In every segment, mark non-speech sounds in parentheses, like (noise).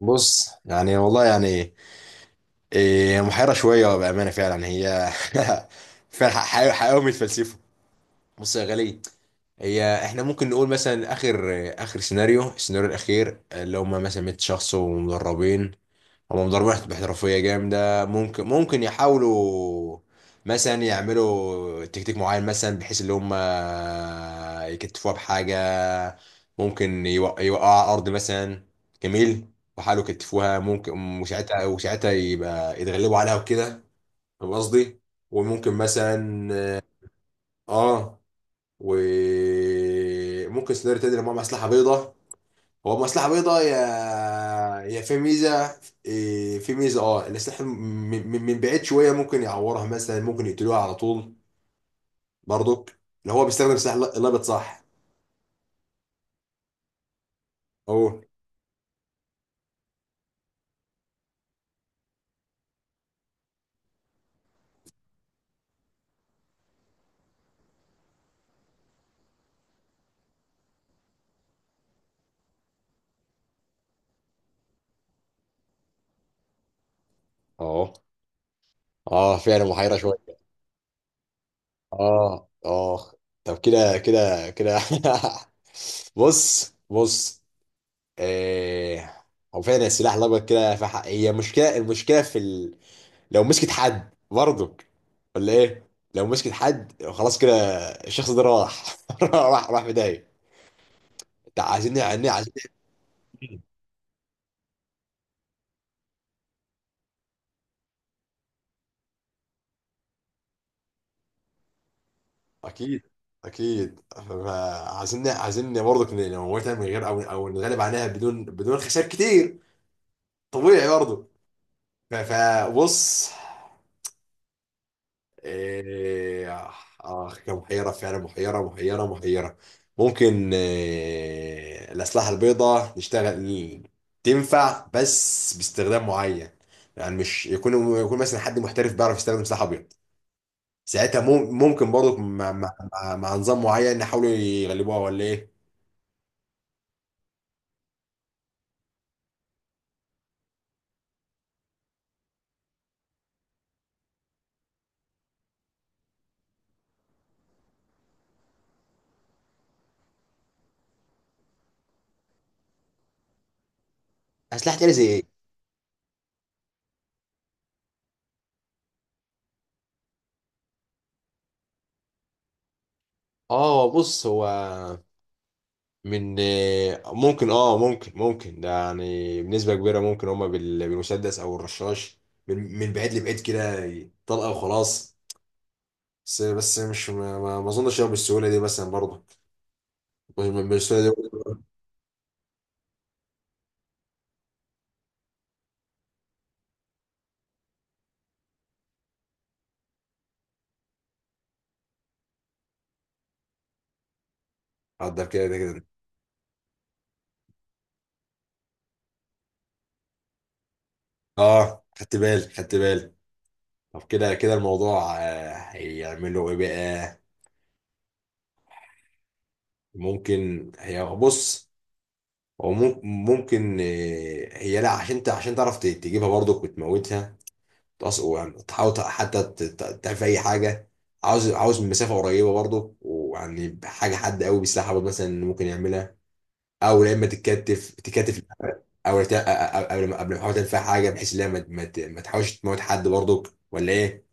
بص، يعني والله يعني إيه، محيرة شوية بأمانة فعلا يعني هي (laughs) فعلا، حقيقة بيتفلسفوا. بص يا غالي، هي احنا ممكن نقول مثلا اخر اخر سيناريو السيناريو الاخير اللي هم مثلا 100 شخص ومدربين، هم ضربات احترافية جامدة. ممكن يحاولوا مثلا يعملوا تكتيك معين، مثلا بحيث اللي هم يكتفوها بحاجة. ممكن يوقعوا على الأرض مثلا. جميل. وحاولوا يكتفوها ممكن، وساعتها يبقى يتغلبوا عليها وكده. فاهم قصدي؟ وممكن مثلا، اه، وممكن سيناريو تاني لما معاهم أسلحة بيضاء. هو مصلحة بيضاء، يا في ميزة. في ميزة، اه، من بعيد شوية ممكن يعورها مثلا، ممكن يقتلوها على طول برضك، لو هو بيستخدم سلاح لابط. صح. اوه. اه. اه، فعلا محيرة شوية. اه اه، طب كده. (laughs) بص. آه، هو فعلا السلاح الأبيض كده في حق هي مشكلة، المشكلة في ال... لو مسكت حد برضك، ولا ايه؟ لو مسكت حد خلاص كده، الشخص ده راح. (laughs) راح في داهيه. انت عايزين، يعني عايزين. اكيد، اكيد. عايزين برضك نموتها من غير، او نغلب عليها بدون خسائر كتير. طبيعي برضه. فبص، إيه، آه، كان محيرة فعلا، محيرة. ممكن إيه، الأسلحة البيضاء نشتغل، تنفع بس باستخدام معين. يعني مش يكون مثلا حد محترف بيعرف يستخدم سلاح أبيض، ساعتها ممكن برضه مع، مع نظام معين يحاولوا يغلبوها، ولا إيه؟ أسلحة تانية زي إيه؟ آه، بص، هو من، ممكن، اه، ممكن ده. يعني بنسبة كبيرة ممكن هما بالمسدس او الرشاش، من بعيد لبعيد كده، طلقة وخلاص. بس مش ما اظنش هو بالسهولة دي مثلا برضه. مش بالسهولة دي. اقدر، كده. اه، خدت بالي، خدت بالي. طب كده كده الموضوع، آه، هيعملوا ايه بقى؟ ممكن هي، بص، هو ممكن، آه، هي لا عشان عشان تعرف تجيبها برضه وتموتها، وتحاول حتى تعمل في اي حاجه. عاوز من مسافه قريبه برضه، ويعني حاجه، حد قوي بيسلاح برضه مثلا ممكن يعملها. او لا، اما تتكتف، تكتف. او قبل ما، قبل ما تحاول تعمل فيها حاجه بحيث ان هي ما تحاولش تموت حد برضك، ولا ايه؟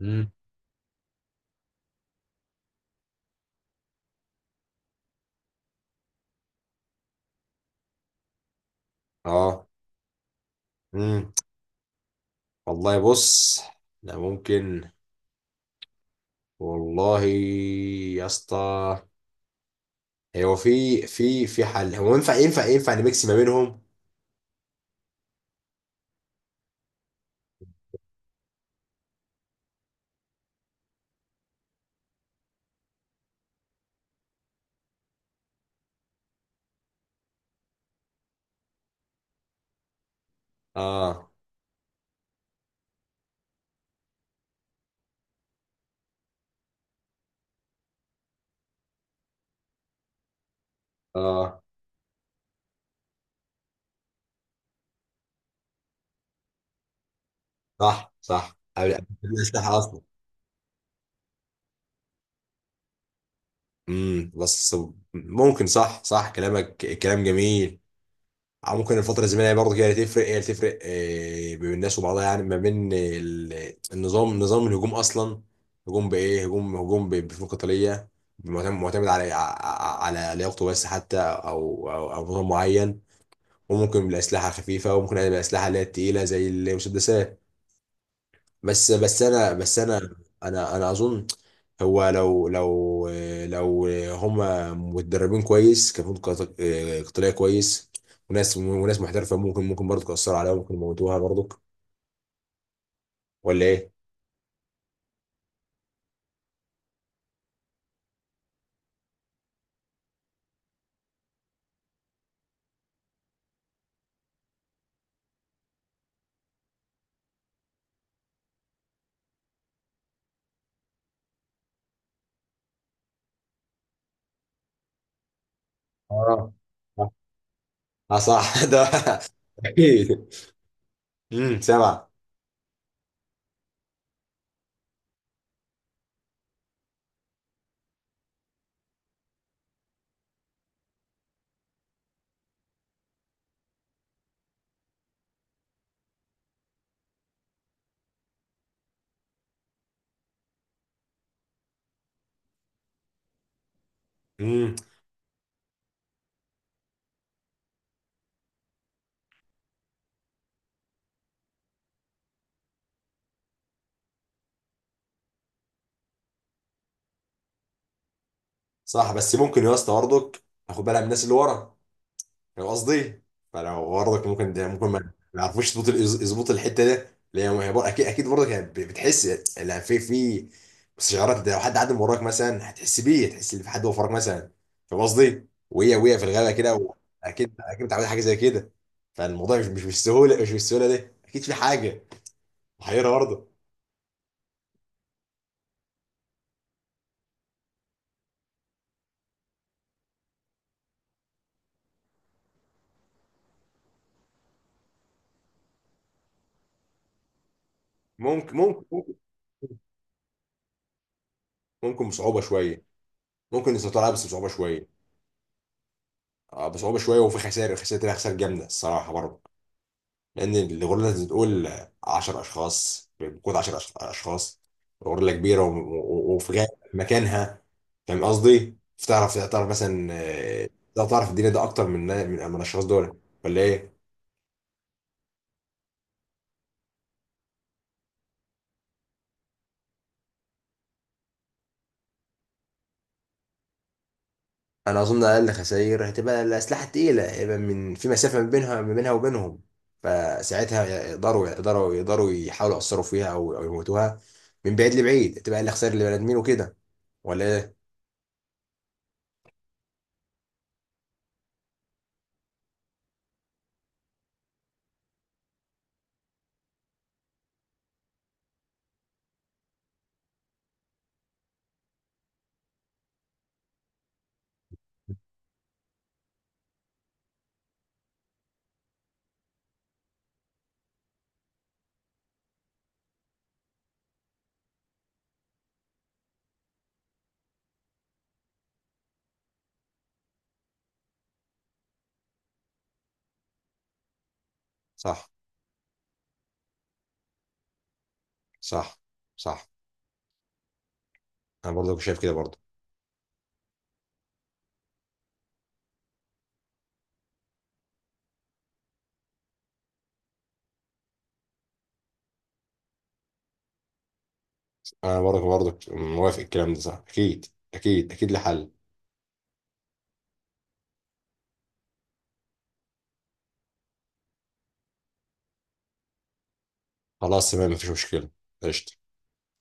مم. اه. امم، والله بص، لا ممكن، والله يا اسطى، هو في حل. هو ينفع نميكس ما بينهم. اه. اه، صح صح، قبل الأسلحة أصلا. امم، بس ممكن، صح صح، كلامك كلام جميل. أو ممكن الفترة الزمنية برضه كده تفرق، هي اللي تفرق، آه، بين الناس وبعضها، يعني ما بين النظام، نظام الهجوم أصلا. هجوم بإيه؟ هجوم، بفنون قتالية، معتمد على على لياقته بس حتى، أو أو نظام معين. وممكن بالأسلحة الخفيفة، وممكن بالأسلحة اللي هي التقيلة زي المسدسات. بس انا انا اظن، هو لو هما متدربين كويس كفنون قتاليه كويس، وناس محترفه، ممكن برضه تاثر عليها، ممكن يموتوها برضه، ولا ايه؟ اه اه، صح. (laughs) ده اكيد. امم، سبعه. امم، صح، بس ممكن يا اسطى برضك اخد بالها من الناس اللي ورا، فاهم قصدي؟ فلو برضك ممكن ده، ممكن ما يعرفوش يظبط يظبط الحته ده، لان هي ما هي بر- اكيد، اكيد برضك هي بتحس. لا، في استشعارات. لو حد عدى من وراك مثلا هتحس بيه، هتحس ان في حد وفرك مثلا، فاهم قصدي؟ وهي في الغابه كده، واكيد اكيد متعود على حاجه زي كده. فالموضوع مش، مش بالسهوله، مش بالسهوله دي، اكيد في حاجه محيره برضه. ممكن. ممكن بصعوبه شويه، ممكن يسيطروا عليها بس بصعوبه شويه، آه، بصعوبه شويه، وفي خسائر، خسائر جامده الصراحه برضه. لان الغوريلا بتقول 10 اشخاص، بتكون 10 اشخاص، غوريلا كبيره، وفي غاية مكانها، فاهم قصدي؟ فتعرف، تعرف مثلا، آه، تعرف الدنيا ده اكتر من الاشخاص دول، ولا ايه؟ انا اظن اقل خسائر هتبقى الاسلحه التقيله، هيبقى من في مسافه، ما بينها وبينهم، فساعتها يقدروا يحاولوا يأثروا فيها، او يموتوها من بعيد لبعيد، تبقى اقل خسائر لبني ادمين وكده، ولا ايه؟ صح صح صح. انا برضه شايف كده برضه. انا برضك موافق، الكلام ده صح اكيد، اكيد لحل. خلاص تمام، مفيش مشكله. قشطه.